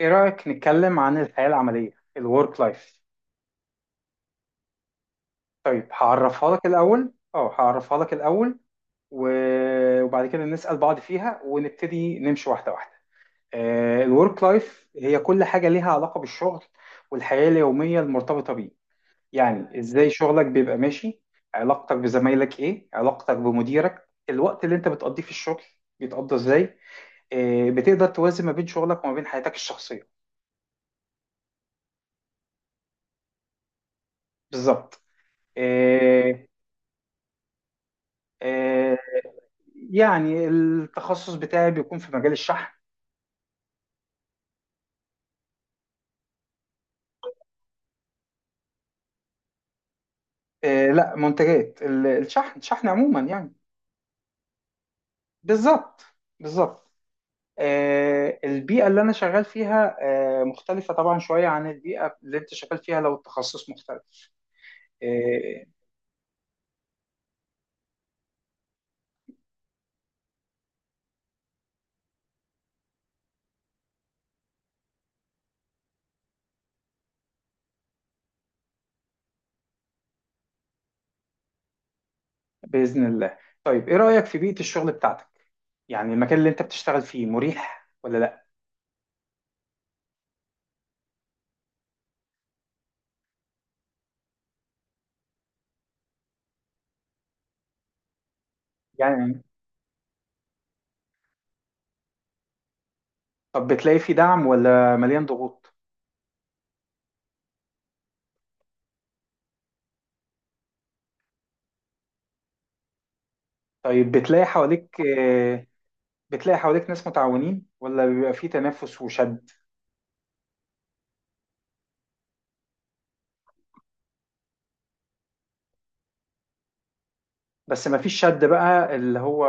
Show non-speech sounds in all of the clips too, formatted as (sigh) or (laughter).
ايه رأيك نتكلم عن الحياة العملية، الورك لايف؟ طيب هعرفها لك الأول، وبعد كده نسأل بعض فيها ونبتدي نمشي واحدة واحدة. الورك لايف هي كل حاجة ليها علاقة بالشغل والحياة اليومية المرتبطة بيه. يعني ازاي شغلك بيبقى ماشي، علاقتك بزمايلك، ايه علاقتك بمديرك، الوقت اللي انت بتقضيه في الشغل بيتقضى ازاي، بتقدر توازن ما بين شغلك وما بين حياتك الشخصية. بالظبط. آه، آه، يعني التخصص بتاعي بيكون في مجال الشحن. لا، منتجات، ال- الشحن عموما يعني. بالظبط، بالظبط. البيئة اللي أنا شغال فيها مختلفة طبعا شوية عن البيئة اللي أنت شغال فيها لو التخصص مختلف. آه. بإذن الله. طيب إيه رأيك في بيئة الشغل بتاعتك؟ يعني المكان اللي أنت بتشتغل فيه مريح ولا لا؟ يعني، طب بتلاقي فيه دعم ولا مليان ضغوط؟ طيب بتلاقي حواليك، بتلاقي حواليك ناس متعاونين ولا بيبقى فيه تنافس وشد؟ بس ما فيش شد بقى اللي هو.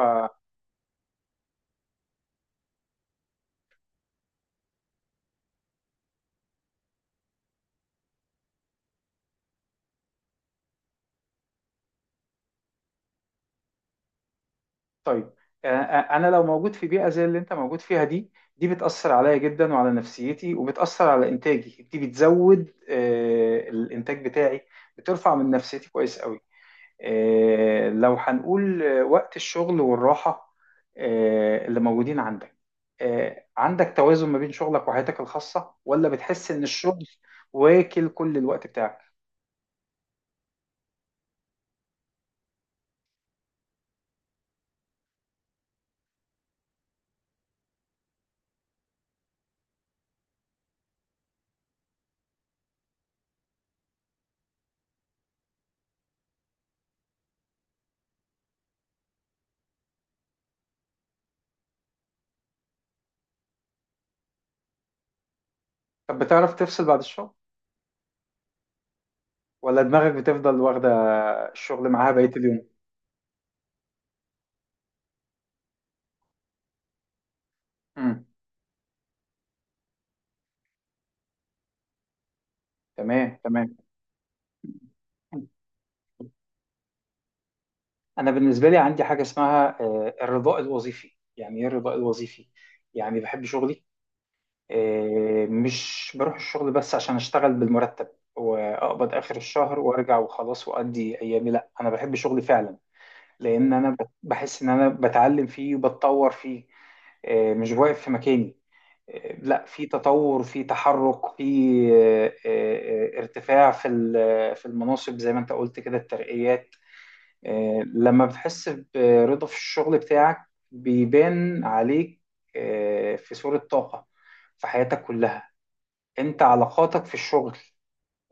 طيب، انا لو موجود في بيئه زي اللي انت موجود فيها دي، دي بتاثر عليا جدا وعلى نفسيتي، وبتاثر على انتاجي، دي بتزود الانتاج بتاعي، بترفع من نفسيتي كويس قوي. لو هنقول وقت الشغل والراحه اللي موجودين عندك، عندك توازن ما بين شغلك وحياتك الخاصه ولا بتحس ان الشغل واكل كل الوقت بتاعك؟ طب بتعرف تفصل بعد الشغل ولا دماغك بتفضل واخدة الشغل معاها بقية اليوم؟ امم تمام، تمام. أنا بالنسبة لي عندي حاجة اسمها الرضاء الوظيفي. يعني إيه الرضاء الوظيفي؟ يعني بحب شغلي. مش بروح الشغل بس عشان أشتغل بالمرتب وأقبض آخر الشهر وأرجع وخلاص وأدي أيامي، لأ أنا بحب شغلي فعلا. لأن أنا بحس إن أنا بتعلم فيه وبتطور فيه. مش واقف في مكاني. لا، في تطور، في تحرك، في ارتفاع في في المناصب زي ما انت قلت كده، الترقيات. لما بتحس برضا في الشغل بتاعك بيبان عليك في صورة طاقة في حياتك كلها. انت علاقاتك في الشغل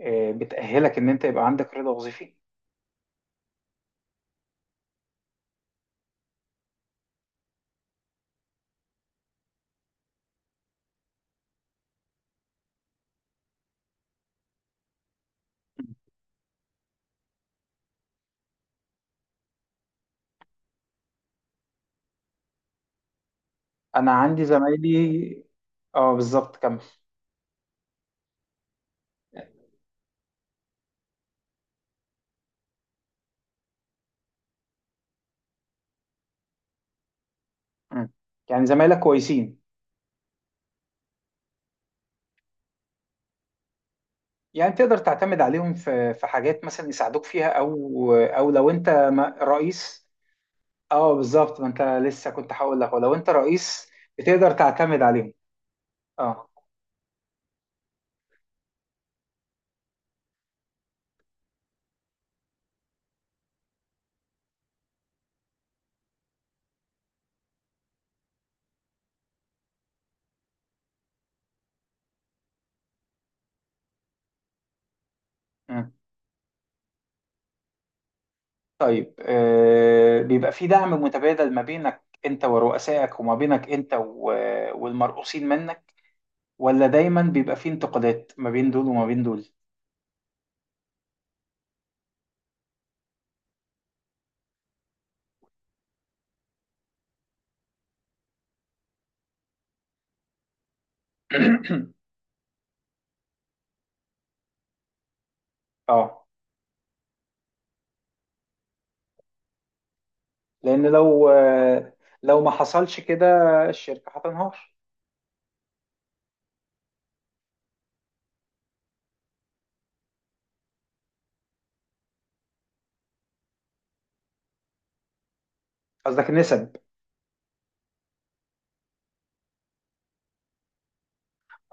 بتأهلك ان انت يبقى عندك رضا وظيفي. انا عندي زمايلي. اه، بالظبط، كمل. مم. يعني زمايلك كويسين، يعني تقدر تعتمد عليهم في في حاجات مثلا يساعدوك فيها، او او لو انت رئيس. اه بالظبط، ما انت لسه كنت هقول لك، ولو انت رئيس بتقدر تعتمد عليهم. اه. مم. طيب بيبقى في دعم متبادل ما بينك انت ورؤسائك، وما بينك انت والمرؤوسين منك، ولا دايما بيبقى في انتقادات ما بين دول وما بين دول؟ (coughs) (clears throat) اه، لان لو لو ما حصلش كده الشركة هتنهار. قصدك نسب؟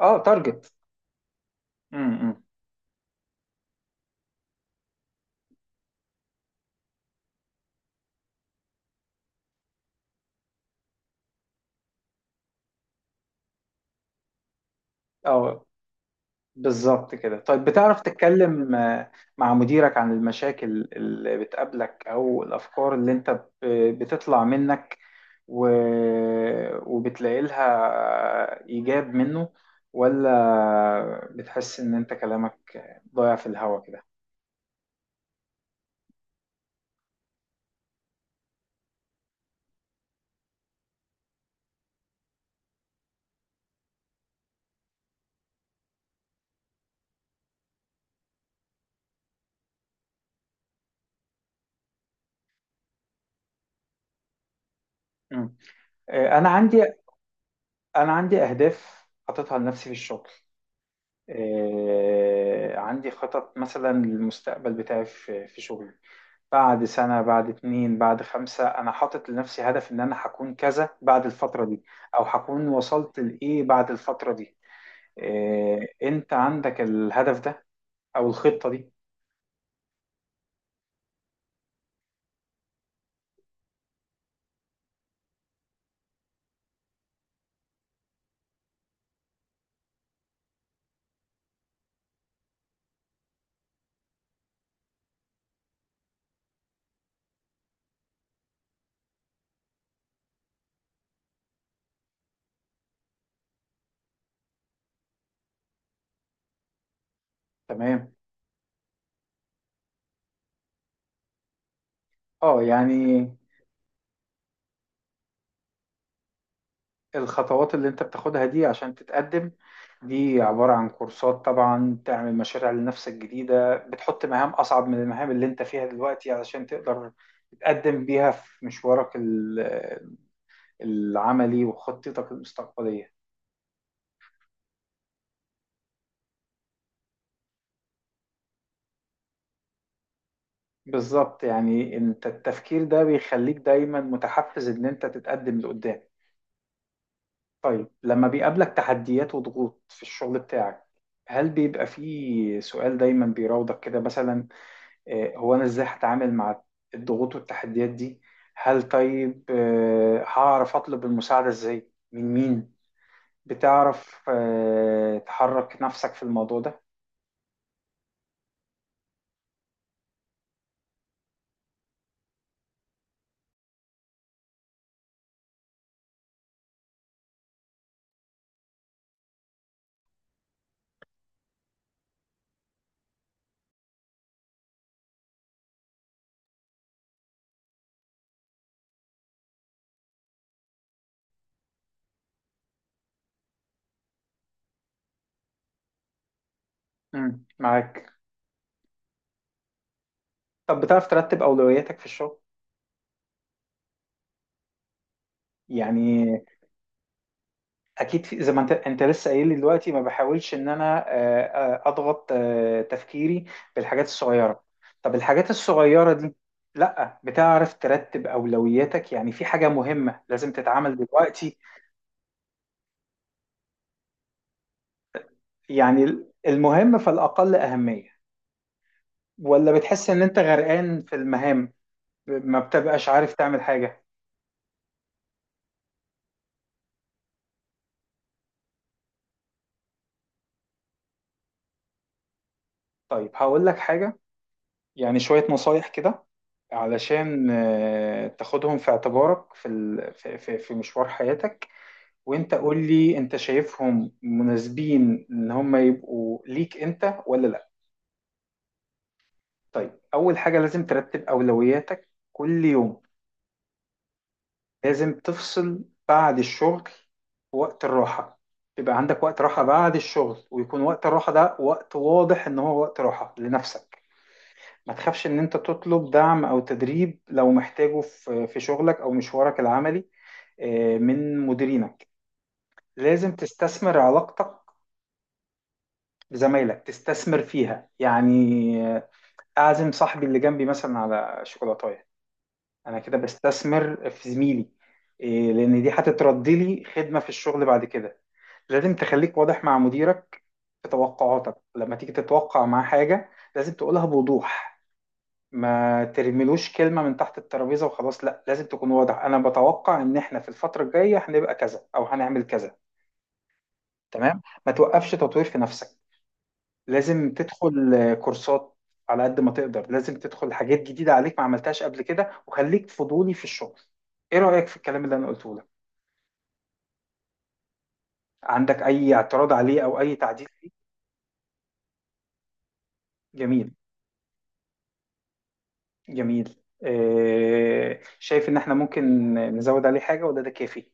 اه، تارجت. امم. اه بالظبط كده. طيب بتعرف تتكلم مع مديرك عن المشاكل اللي بتقابلك او الافكار اللي انت بتطلع منك و... وبتلاقي لها ايجاب منه، ولا بتحس ان انت كلامك ضايع في الهوا كده؟ مم. آه، انا عندي انا عندي اهداف حاططها لنفسي في الشغل. عندي خطط مثلا للمستقبل بتاعي في في شغلي. بعد 1 سنة، بعد 2، بعد 5، أنا حاطط لنفسي هدف إن أنا هكون كذا بعد الفترة دي، أو هكون وصلت لإيه بعد الفترة دي. إيه، أنت عندك الهدف ده أو الخطة دي؟ تمام. أه يعني الخطوات اللي أنت بتاخدها دي عشان تتقدم، دي عبارة عن كورسات طبعا، تعمل مشاريع لنفسك جديدة، بتحط مهام أصعب من المهام اللي أنت فيها دلوقتي علشان تقدر تتقدم بيها في مشوارك العملي وخطتك المستقبلية. بالظبط، يعني انت التفكير ده بيخليك دايما متحفز ان انت تتقدم لقدام. طيب لما بيقابلك تحديات وضغوط في الشغل بتاعك، هل بيبقى فيه سؤال دايما بيراودك كده، مثلا هو انا ازاي هتعامل مع الضغوط والتحديات دي؟ هل طيب هعرف اطلب المساعدة ازاي، من مين؟ بتعرف تحرك نفسك في الموضوع ده؟ مم، معاك. طب بتعرف ترتب اولوياتك في الشغل؟ يعني اكيد، في زي ما انت لسه قايل لي دلوقتي، ما بحاولش ان انا اضغط تفكيري بالحاجات الصغيره. طب الحاجات الصغيره دي، لا بتعرف ترتب اولوياتك، يعني في حاجه مهمه لازم تتعمل دلوقتي، يعني المهم فالاقل اهميه، ولا بتحس ان انت غرقان في المهام ما بتبقاش عارف تعمل حاجه؟ طيب هقول لك حاجه، يعني شويه نصايح كده، علشان تاخدهم في اعتبارك في في مشوار حياتك، وانت قول لي انت شايفهم مناسبين ان هم يبقوا ليك انت ولا لا. طيب، اول حاجة لازم ترتب اولوياتك كل يوم. لازم تفصل بعد الشغل، وقت الراحة، يبقى عندك وقت راحة بعد الشغل، ويكون وقت الراحة ده وقت واضح ان هو وقت راحة لنفسك. ما تخافش ان انت تطلب دعم او تدريب لو محتاجه في في شغلك او مشوارك العملي من مديرينك. لازم تستثمر علاقتك لزمايلك، تستثمر فيها يعني، اعزم صاحبي اللي جنبي مثلا على شوكولاتايه، انا كده بستثمر في زميلي، إيه، لان دي هتتردي لي خدمه في الشغل بعد كده. لازم تخليك واضح مع مديرك في توقعاتك، لما تيجي تتوقع معاه حاجه لازم تقولها بوضوح. ما ترميلوش كلمه من تحت الترابيزه وخلاص، لا، لازم تكون واضح، انا بتوقع ان احنا في الفتره الجايه هنبقى كذا او هنعمل كذا. تمام، ما توقفش تطوير في نفسك، لازم تدخل كورسات على قد ما تقدر، لازم تدخل حاجات جديدة عليك ما عملتهاش قبل كده، وخليك فضولي في الشغل. ايه رأيك في الكلام اللي انا قلته لك؟ عندك اي اعتراض عليه او اي تعديل فيه؟ جميل، جميل. شايف ان احنا ممكن نزود عليه حاجة ولا ده كافي؟